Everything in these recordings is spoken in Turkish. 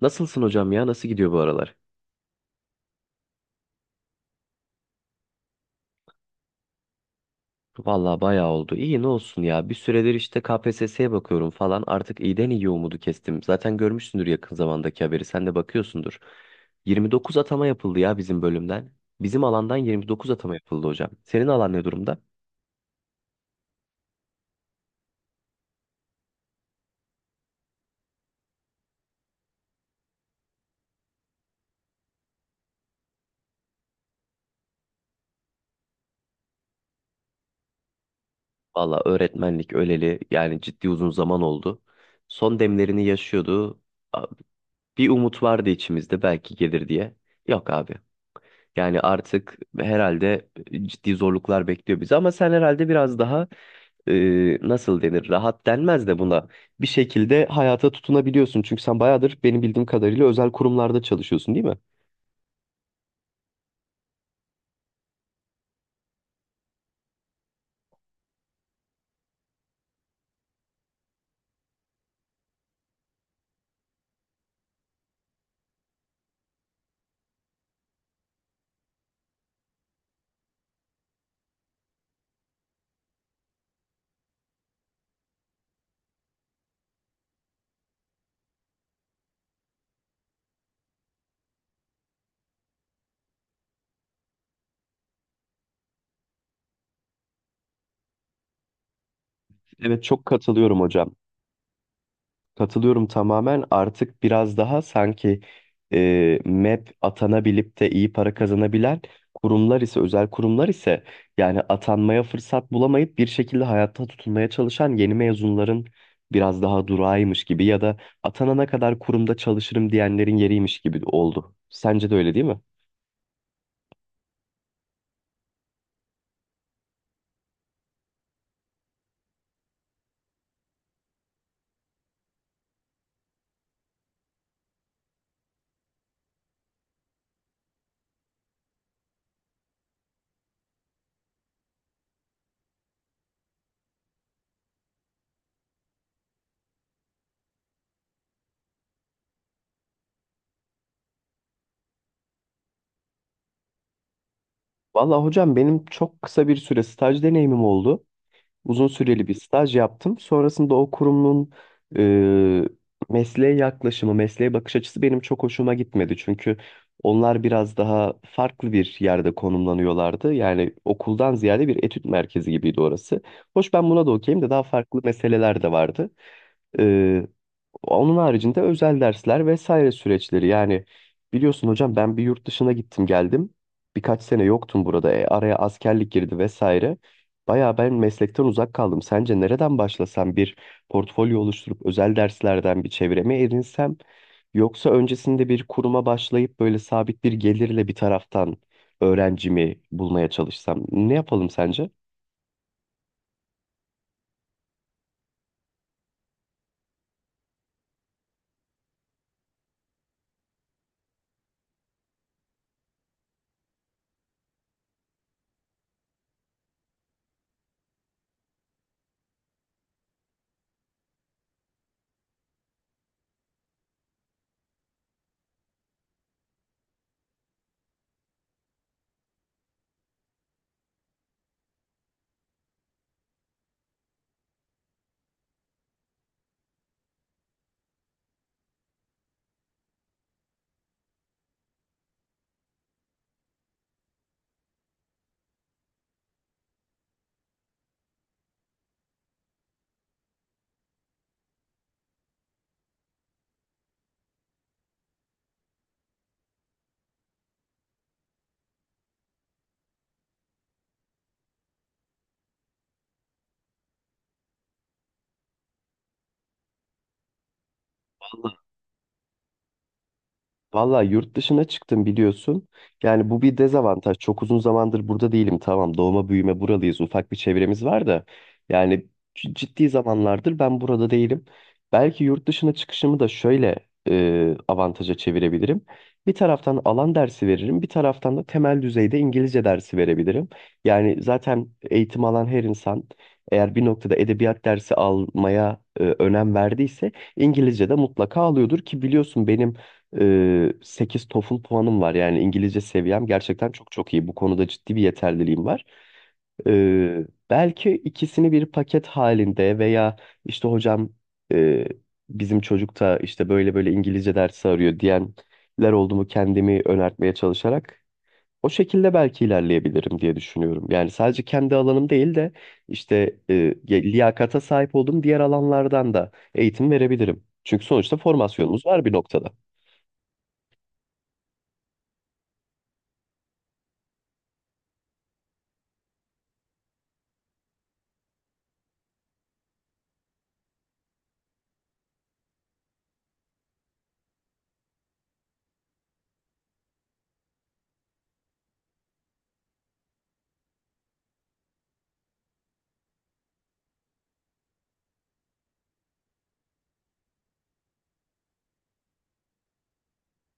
Nasılsın hocam ya? Nasıl gidiyor bu aralar? Vallahi bayağı oldu. İyi ne olsun ya. Bir süredir işte KPSS'ye bakıyorum falan. Artık iyiden iyi umudu kestim. Zaten görmüşsündür yakın zamandaki haberi. Sen de bakıyorsundur. 29 atama yapıldı ya bizim bölümden. Bizim alandan 29 atama yapıldı hocam. Senin alan ne durumda? Valla öğretmenlik öleli yani ciddi uzun zaman oldu. Son demlerini yaşıyordu. A- Bir umut vardı içimizde belki gelir diye. Yok abi. Yani artık herhalde ciddi zorluklar bekliyor bizi ama sen herhalde biraz daha nasıl denir rahat denmez de buna bir şekilde hayata tutunabiliyorsun. Çünkü sen bayağıdır benim bildiğim kadarıyla özel kurumlarda çalışıyorsun değil mi? Evet, çok katılıyorum hocam. Katılıyorum tamamen. Artık biraz daha sanki MEP atanabilip de iyi para kazanabilen kurumlar ise, özel kurumlar ise yani atanmaya fırsat bulamayıp bir şekilde hayatta tutunmaya çalışan yeni mezunların biraz daha durağıymış gibi ya da atanana kadar kurumda çalışırım diyenlerin yeriymiş gibi oldu. Sence de öyle değil mi? Vallahi hocam benim çok kısa bir süre staj deneyimim oldu. Uzun süreli bir staj yaptım. Sonrasında o kurumun e, mesleğe yaklaşımı, mesleğe bakış açısı benim çok hoşuma gitmedi. Çünkü onlar biraz daha farklı bir yerde konumlanıyorlardı. Yani okuldan ziyade bir etüt merkezi gibiydi orası. Hoş ben buna da okeyim de daha farklı meseleler de vardı. E, Onun haricinde özel dersler vesaire süreçleri. Yani biliyorsun hocam ben bir yurt dışına gittim geldim. Birkaç sene yoktum burada. E, araya askerlik girdi vesaire. Bayağı ben meslekten uzak kaldım. Sence nereden başlasam bir portfolyo oluşturup özel derslerden bir çevreme edinsem yoksa öncesinde bir kuruma başlayıp böyle sabit bir gelirle bir taraftan öğrencimi bulmaya çalışsam ne yapalım sence? Valla yurt dışına çıktım biliyorsun. Yani bu bir dezavantaj. Çok uzun zamandır burada değilim. Tamam doğma büyüme buralıyız. Ufak bir çevremiz var da. Yani ciddi zamanlardır ben burada değilim. Belki yurt dışına çıkışımı da şöyle avantaja çevirebilirim. Bir taraftan alan dersi veririm. Bir taraftan da temel düzeyde İngilizce dersi verebilirim. Yani zaten eğitim alan her insan eğer bir noktada edebiyat dersi almaya önem verdiyse İngilizce de mutlaka alıyordur ki biliyorsun benim 8 TOEFL puanım var. Yani İngilizce seviyem gerçekten çok çok iyi. Bu konuda ciddi bir yeterliliğim var. Belki ikisini bir paket halinde veya işte hocam e, bizim çocuk da işte böyle böyle İngilizce dersi arıyor diyenler oldu mu kendimi önertmeye çalışarak o şekilde belki ilerleyebilirim diye düşünüyorum. Yani sadece kendi alanım değil de işte liyakata sahip olduğum diğer alanlardan da eğitim verebilirim. Çünkü sonuçta formasyonumuz var bir noktada.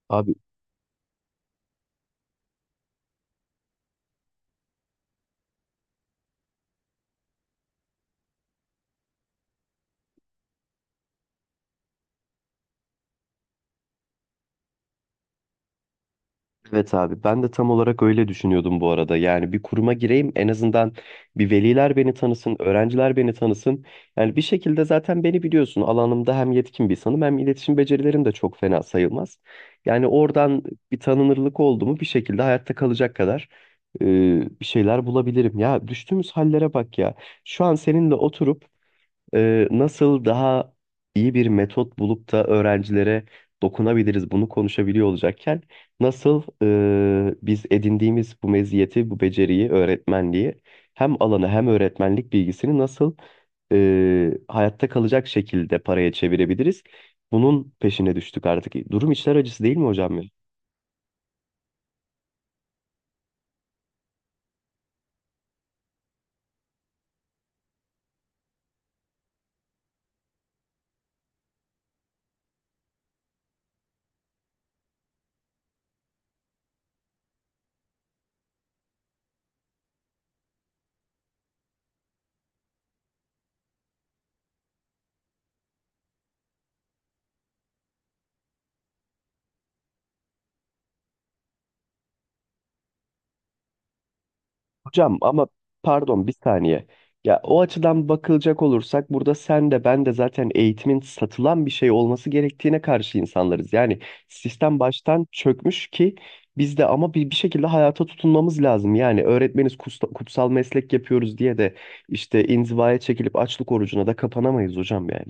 Abi, evet abi ben de tam olarak öyle düşünüyordum bu arada. Yani bir kuruma gireyim en azından bir veliler beni tanısın, öğrenciler beni tanısın. Yani bir şekilde zaten beni biliyorsun alanımda hem yetkin bir insanım hem iletişim becerilerim de çok fena sayılmaz. Yani oradan bir tanınırlık oldu mu bir şekilde hayatta kalacak kadar e, bir şeyler bulabilirim. Ya düştüğümüz hallere bak ya. Şu an seninle oturup nasıl daha iyi bir metot bulup da öğrencilere dokunabiliriz bunu konuşabiliyor olacakken nasıl biz edindiğimiz bu meziyeti, bu beceriyi, öğretmenliği hem alanı hem öğretmenlik bilgisini nasıl hayatta kalacak şekilde paraya çevirebiliriz? Bunun peşine düştük artık. Durum içler acısı değil mi hocam ya? Hocam ama pardon bir saniye. Ya o açıdan bakılacak olursak burada sen de ben de zaten eğitimin satılan bir şey olması gerektiğine karşı insanlarız. Yani sistem baştan çökmüş ki biz de ama bir şekilde hayata tutunmamız lazım. Yani öğretmeniz kutsal meslek yapıyoruz diye de işte inzivaya çekilip açlık orucuna da kapanamayız hocam yani.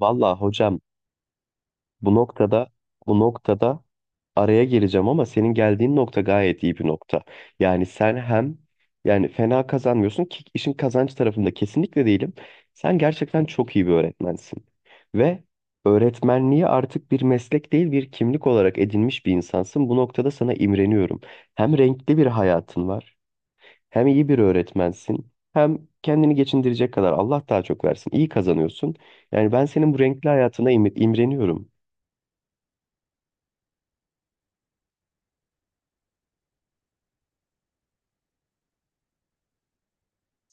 Vallahi hocam, Bu noktada bu noktada araya gireceğim ama senin geldiğin nokta gayet iyi bir nokta. Yani sen hem yani fena kazanmıyorsun ki işin kazanç tarafında kesinlikle değilim. Sen gerçekten çok iyi bir öğretmensin. Ve öğretmenliği artık bir meslek değil bir kimlik olarak edinmiş bir insansın. Bu noktada sana imreniyorum. Hem renkli bir hayatın var, hem iyi bir öğretmensin, hem kendini geçindirecek kadar Allah daha çok versin. İyi kazanıyorsun. Yani ben senin bu renkli hayatına imreniyorum.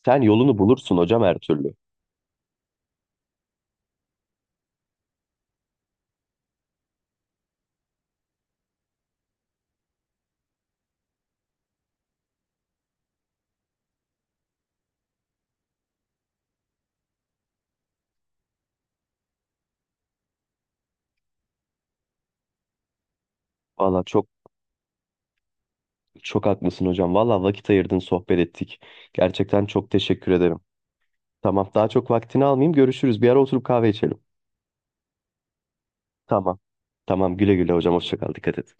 Sen yolunu bulursun hocam her türlü. Valla çok çok haklısın hocam. Valla vakit ayırdın, sohbet ettik. Gerçekten çok teşekkür ederim. Tamam, daha çok vaktini almayayım. Görüşürüz. Bir ara oturup kahve içelim. Tamam. Tamam, güle güle hocam. Hoşça kal. Dikkat et.